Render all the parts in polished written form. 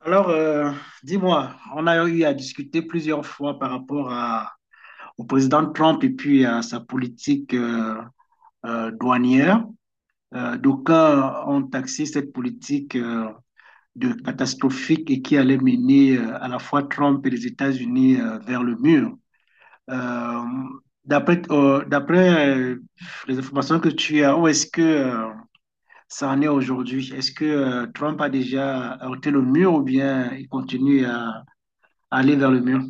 Alors, euh, dis-moi, on a eu à discuter plusieurs fois au président Trump et puis à sa politique douanière. D'aucuns ont taxé cette politique de catastrophique et qui allait mener à la fois Trump et les États-Unis vers le mur. Euh, d'après les informations que tu as, où est-ce que ça en est aujourd'hui? Est-ce que Trump a déjà heurté le mur ou bien il continue à aller vers le mur?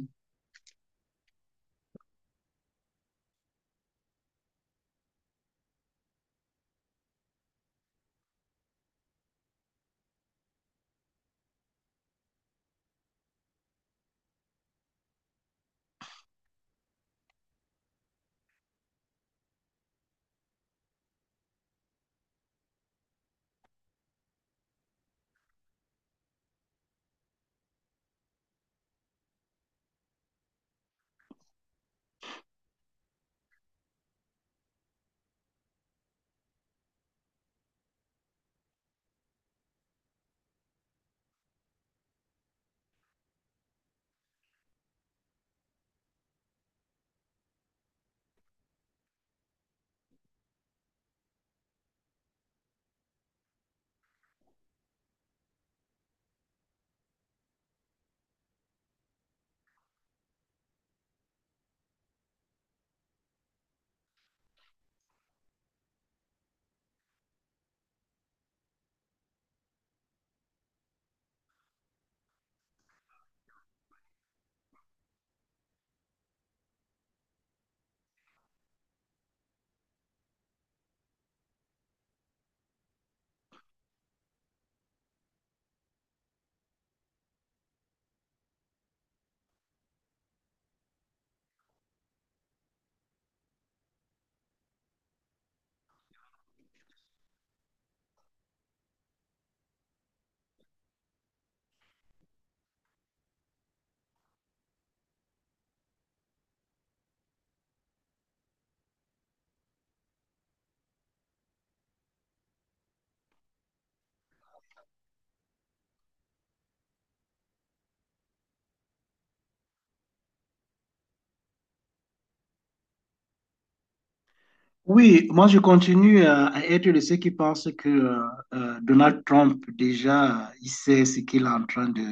Oui, moi je continue à être de ceux qui pensent que Donald Trump, déjà, il sait ce qu'il est en train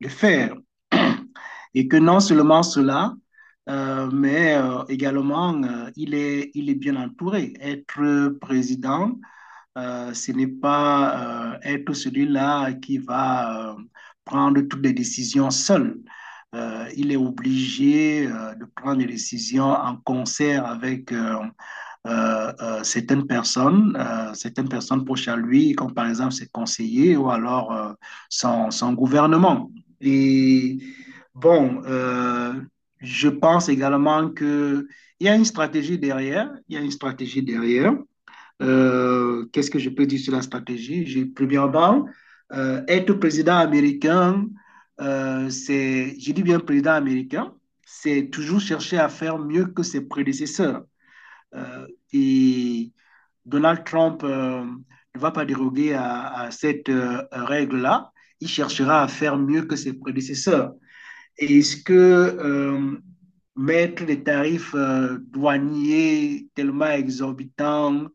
de faire. Et que non seulement cela, mais également, il est bien entouré. Être président, ce n'est pas être celui-là qui va prendre toutes les décisions seul. Il est obligé de prendre des décisions en concert avec certaines personnes proches à lui, comme par exemple ses conseillers ou alors son gouvernement. Et bon, euh, je pense également qu'il y a une stratégie derrière, il y a une stratégie derrière. Qu'est-ce que je peux dire sur la stratégie? J'ai, premièrement, être président américain, je dis bien président américain, c'est toujours chercher à faire mieux que ses prédécesseurs. Euh, et Donald Trump, ne va pas déroger à cette règle-là. Il cherchera à faire mieux que ses prédécesseurs. Est-ce que mettre les tarifs douaniers tellement exorbitants,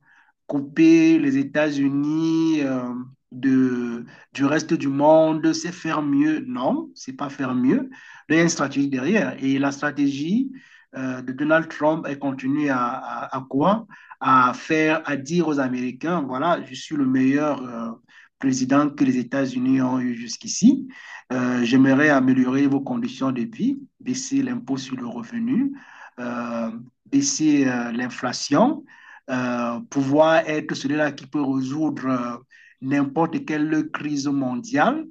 couper les États-Unis de, du reste du monde, c'est faire mieux? Non, c'est pas faire mieux. Il y a une stratégie derrière. Et la stratégie de Donald Trump, elle continue à quoi? À faire, à dire aux Américains, voilà, je suis le meilleur président que les États-Unis ont eu jusqu'ici. J'aimerais améliorer vos conditions de vie, baisser l'impôt sur le revenu, euh, baisser l'inflation, pouvoir être celui-là qui peut résoudre n'importe quelle crise mondiale.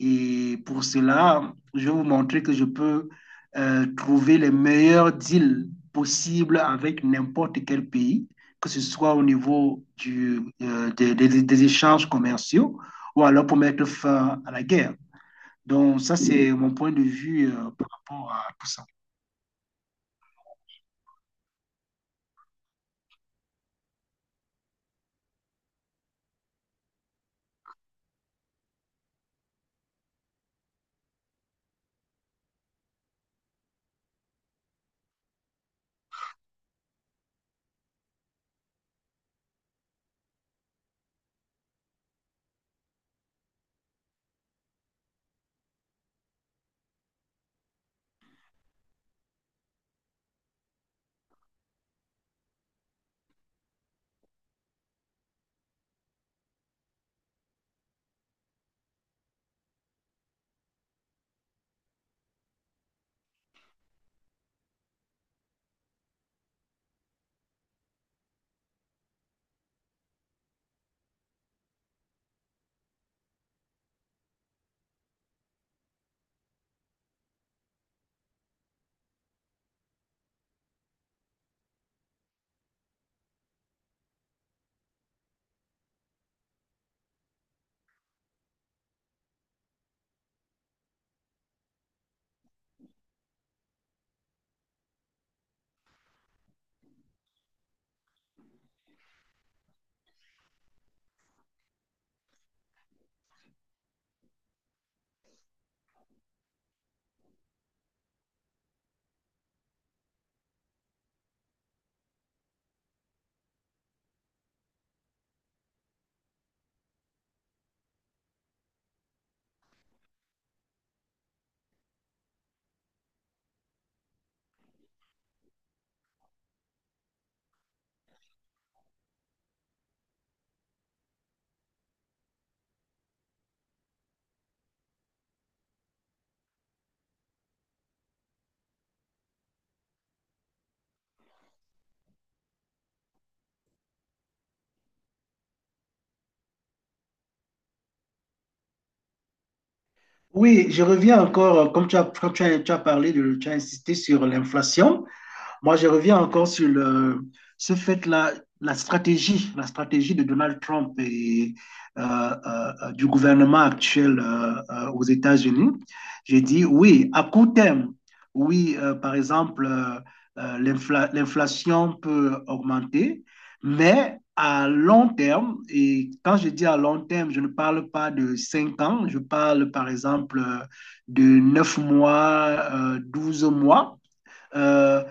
Et pour cela, je vais vous montrer que je peux trouver les meilleurs deals possibles avec n'importe quel pays, que ce soit au niveau des échanges commerciaux ou alors pour mettre fin à la guerre. Donc, ça, c'est mon point de vue par rapport à tout ça. Oui, je reviens encore, quand tu as parlé, tu as insisté sur l'inflation. Moi, je reviens encore ce fait-là, la stratégie de Donald Trump et du gouvernement actuel aux États-Unis. J'ai dit oui, à court terme, oui, l'inflation peut augmenter, mais à long terme, et quand je dis à long terme, je ne parle pas de 5 ans, je parle par exemple de 9 mois, 12 mois. Euh,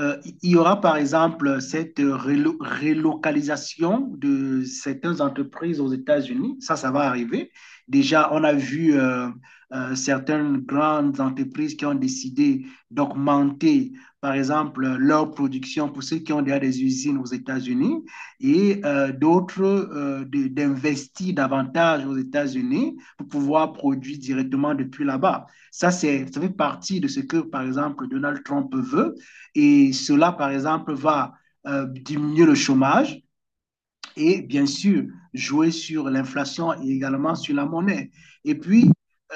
euh, il y aura par exemple cette relocalisation de certaines entreprises aux États-Unis. Ça va arriver. Déjà, on a vu certaines grandes entreprises qui ont décidé d'augmenter, par exemple, leur production pour ceux qui ont déjà des usines aux États-Unis et d'autres d'investir davantage aux États-Unis pour pouvoir produire directement depuis là-bas. Ça, c'est, ça fait partie de ce que, par exemple, Donald Trump veut et cela, par exemple, va diminuer le chômage et bien sûr jouer sur l'inflation et également sur la monnaie. Et puis,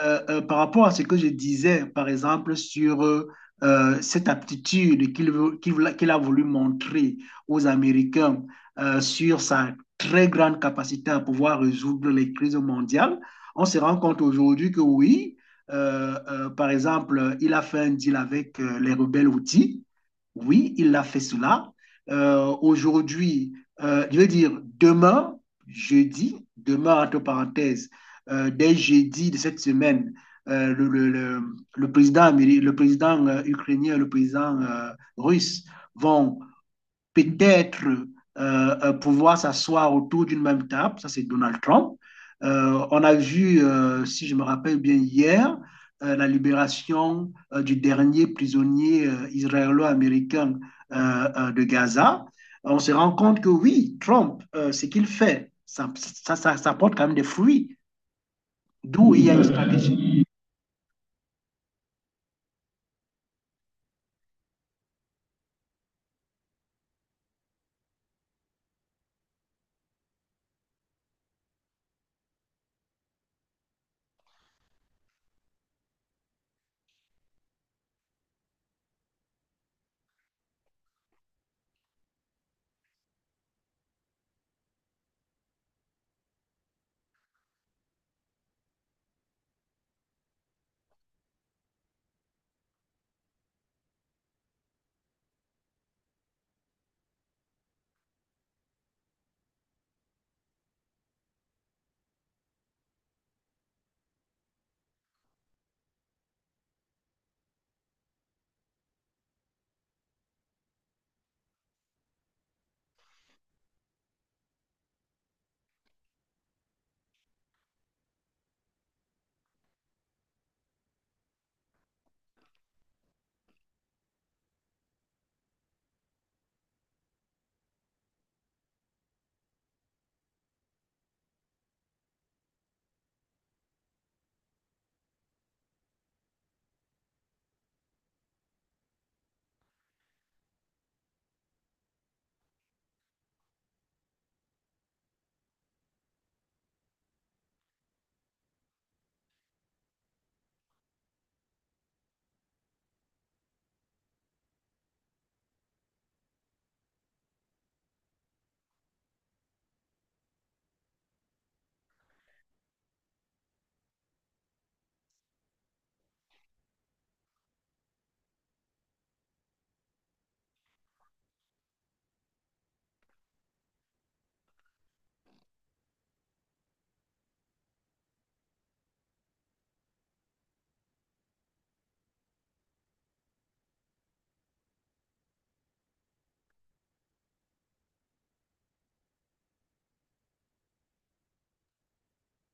par rapport à ce que je disais, par exemple, sur cette aptitude qu'il a voulu montrer aux Américains sur sa très grande capacité à pouvoir résoudre les crises mondiales, on se rend compte aujourd'hui que oui, par exemple, il a fait un deal avec les rebelles outils oui, il a fait cela. Aujourd'hui, je veux dire, demain, jeudi, demain, entre parenthèses, dès jeudi de cette semaine, euh, le, le, le, le président, le président ukrainien, le président russe vont peut-être pouvoir s'asseoir autour d'une même table, ça c'est Donald Trump. On a vu, si je me rappelle bien hier, la libération du dernier prisonnier israélo-américain de Gaza. On se rend compte que oui, Trump, ce qu'il fait, ça porte quand même des fruits, d'où il y a une stratégie.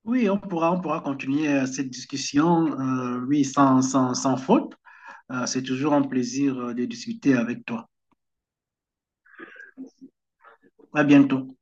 Oui, on pourra continuer cette discussion, oui, sans faute. C'est toujours un plaisir de discuter avec toi. À bientôt.